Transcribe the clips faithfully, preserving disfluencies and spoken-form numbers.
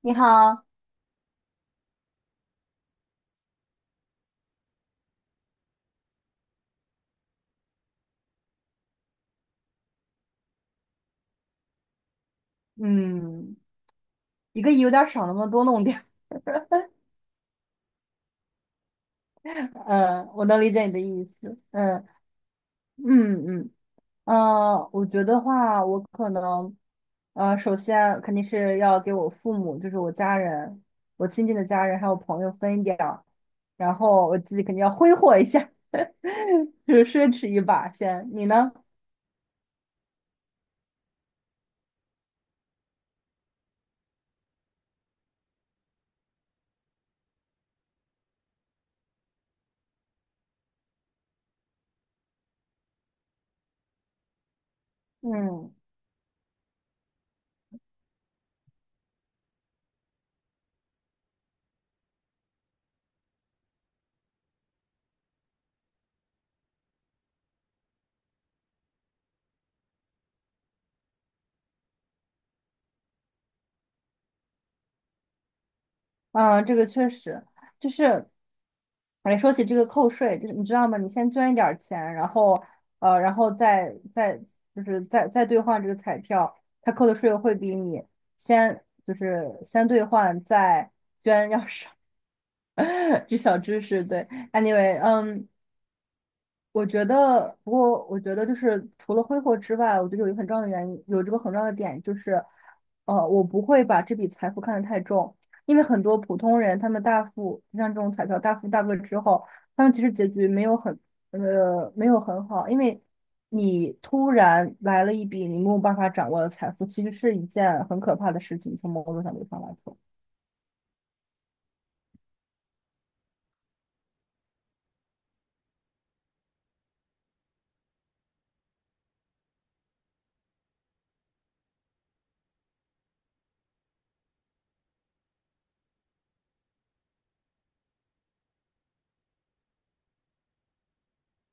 你好，嗯一个亿有点少，能不能多弄点儿？嗯，我能理解你的意思。嗯嗯嗯，呃，我觉得话，我可能，呃，首先肯定是要给我父母，就是我家人，我亲近的家人还有朋友分一点儿，然后我自己肯定要挥霍一下，就是奢侈一把先。你呢？嗯嗯，呃这个确实就是。哎，说起这个扣税，就是你知道吗？你先捐一点儿钱，然后呃，然后再再就是再再兑换这个彩票，它扣的税会比你先就是先兑换再捐要少。这小知识，对，anyway，嗯，我觉得，不过我觉得就是除了挥霍之外，我觉得有一个很重要的原因，有这个很重要的点就是，呃，我不会把这笔财富看得太重，因为很多普通人他们大富，像这种彩票大富大贵之后，他们其实结局没有很，呃，没有很好，因为你突然来了一笔你没有办法掌握的财富，其实是一件很可怕的事情，从某种角度上来说。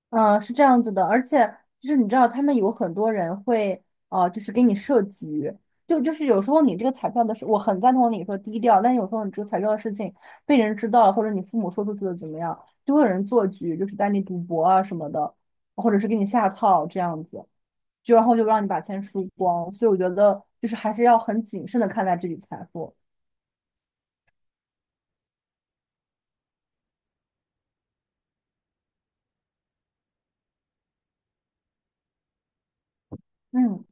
嗯，是这样子的，而且就是你知道，他们有很多人会，呃，就是给你设局，就就是有时候你这个彩票的事，我很赞同你说低调，但有时候你这个彩票的事情被人知道了，或者你父母说出去了怎么样，就会有人做局，就是带你赌博啊什么的，或者是给你下套这样子，就然后就让你把钱输光，所以我觉得就是还是要很谨慎的看待这笔财富。嗯。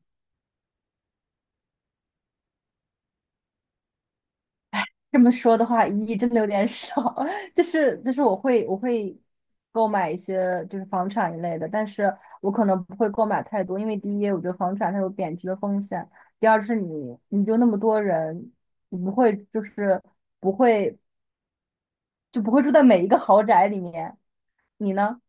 这么说的话，一亿真的有点少。就是就是我会我会购买一些就是房产一类的，但是我可能不会购买太多，因为第一，我觉得房产它有贬值的风险；第二是你你就那么多人，你不会就是不会就不会住在每一个豪宅里面。你呢？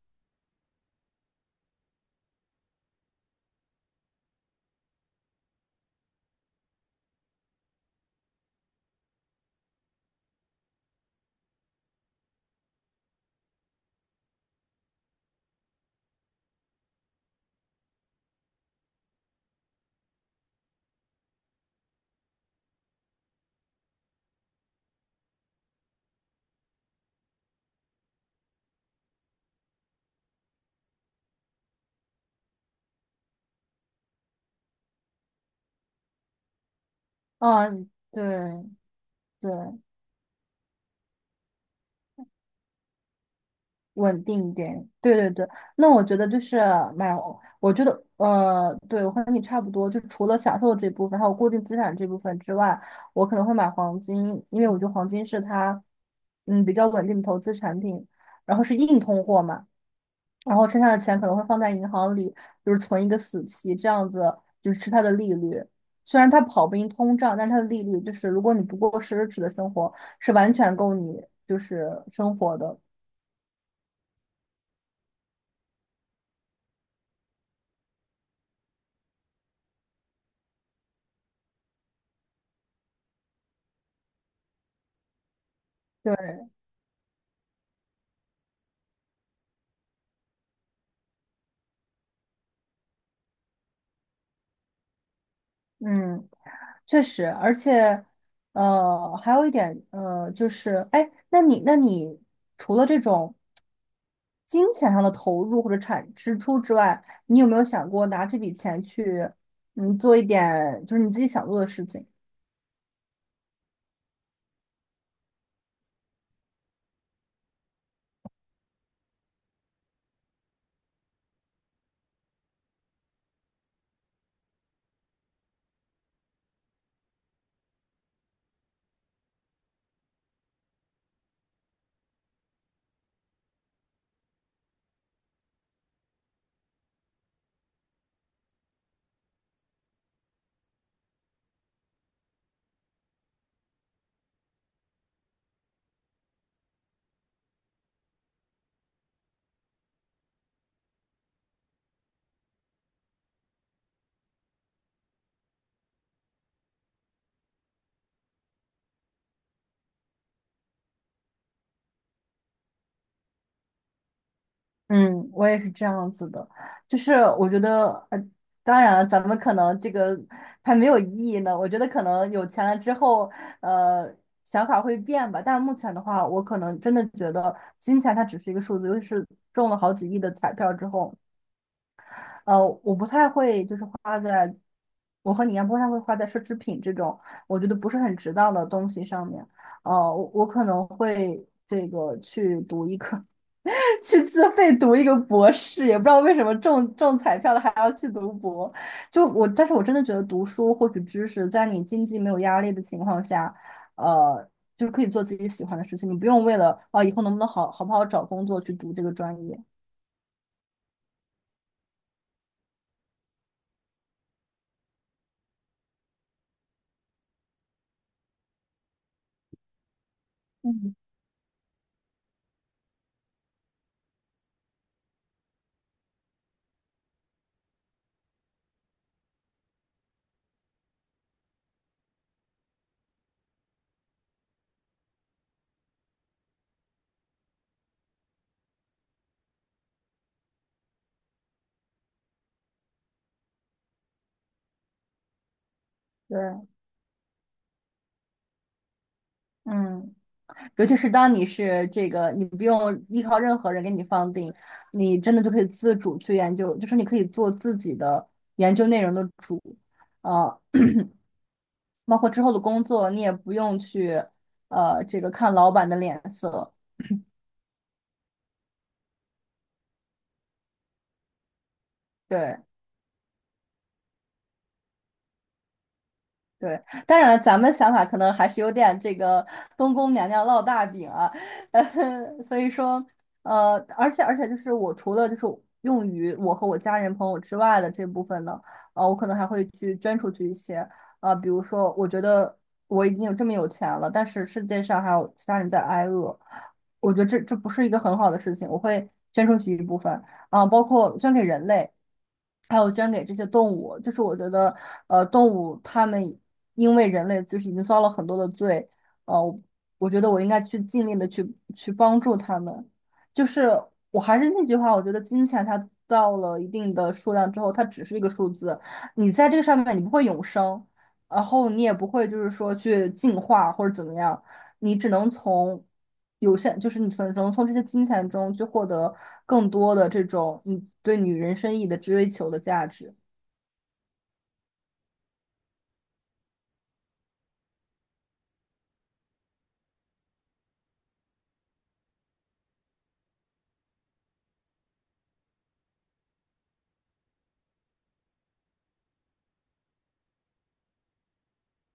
嗯，对对。稳定一点，对对对，那我觉得就是买，我觉得呃，对，我和你差不多，就除了享受这部分，还有固定资产这部分之外，我可能会买黄金，因为我觉得黄金是它，嗯，比较稳定的投资产品，然后是硬通货嘛，然后剩下的钱可能会放在银行里，就是存一个死期，这样子就是吃它的利率。虽然它跑不赢通胀，但是它的利率就是如果你不过奢侈的生活，是完全够你就是生活的。对，嗯，确实，而且，呃，还有一点，呃，就是，哎，那你，那你除了这种金钱上的投入或者产支出之外，你有没有想过拿这笔钱去，嗯，做一点就是你自己想做的事情？嗯，我也是这样子的，就是我觉得，呃，当然了，咱们可能这个还没有意义呢。我觉得可能有钱了之后，呃，想法会变吧。但目前的话，我可能真的觉得金钱它只是一个数字，尤其是中了好几亿的彩票之后，呃，我不太会就是花在，我和你一样不太会花在奢侈品这种我觉得不是很值当的东西上面。呃，我我可能会这个去读一个。去自费读一个博士，也不知道为什么中中彩票了还要去读博。就我，但是我真的觉得读书获取知识，在你经济没有压力的情况下，呃，就是可以做自己喜欢的事情，你不用为了啊以后能不能好好不好找工作去读这个专业。嗯，对，嗯，尤其是当你是这个，你不用依靠任何人给你放定，你真的就可以自主去研究，就是你可以做自己的研究内容的主，啊、包括之后的工作，你也不用去呃这个看老板的脸色。对，对，当然了，咱们的想法可能还是有点这个东宫娘娘烙大饼啊，呃，所以说，呃，而且而且就是我除了就是用于我和我家人朋友之外的这部分呢，呃，我可能还会去捐出去一些，呃，比如说我觉得我已经有这么有钱了，但是世界上还有其他人在挨饿，我觉得这这不是一个很好的事情，我会捐出去一部分，啊、包括捐给人类。还有捐给这些动物，就是我觉得，呃，动物它们因为人类就是已经遭了很多的罪，呃，我我觉得我应该去尽力的去去帮助他们。就是我还是那句话，我觉得金钱它到了一定的数量之后，它只是一个数字，你在这个上面你不会永生，然后你也不会就是说去进化或者怎么样，你只能从有限，就是你只能从这些金钱中去获得更多的这种你对女人生意义的追求的价值。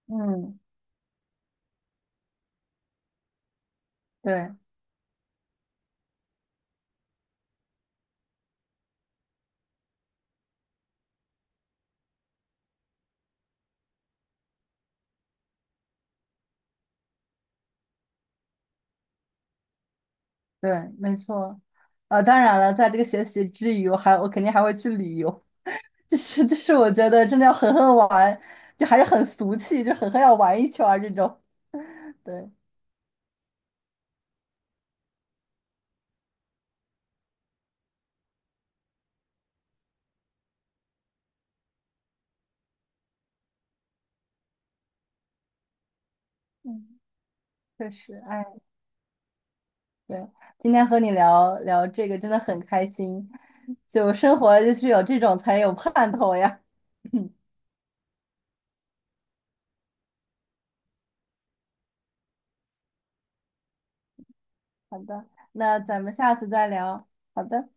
嗯，对，对，没错。呃，当然了，在这个学习之余，我还我肯定还会去旅游，就是就是，我觉得真的要狠狠玩，就还是很俗气，就狠狠要玩一圈儿这种。对，嗯，确实，哎，对，今天和你聊聊这个真的很开心，就生活就是有这种才有盼头呀。好的，那咱们下次再聊。好的。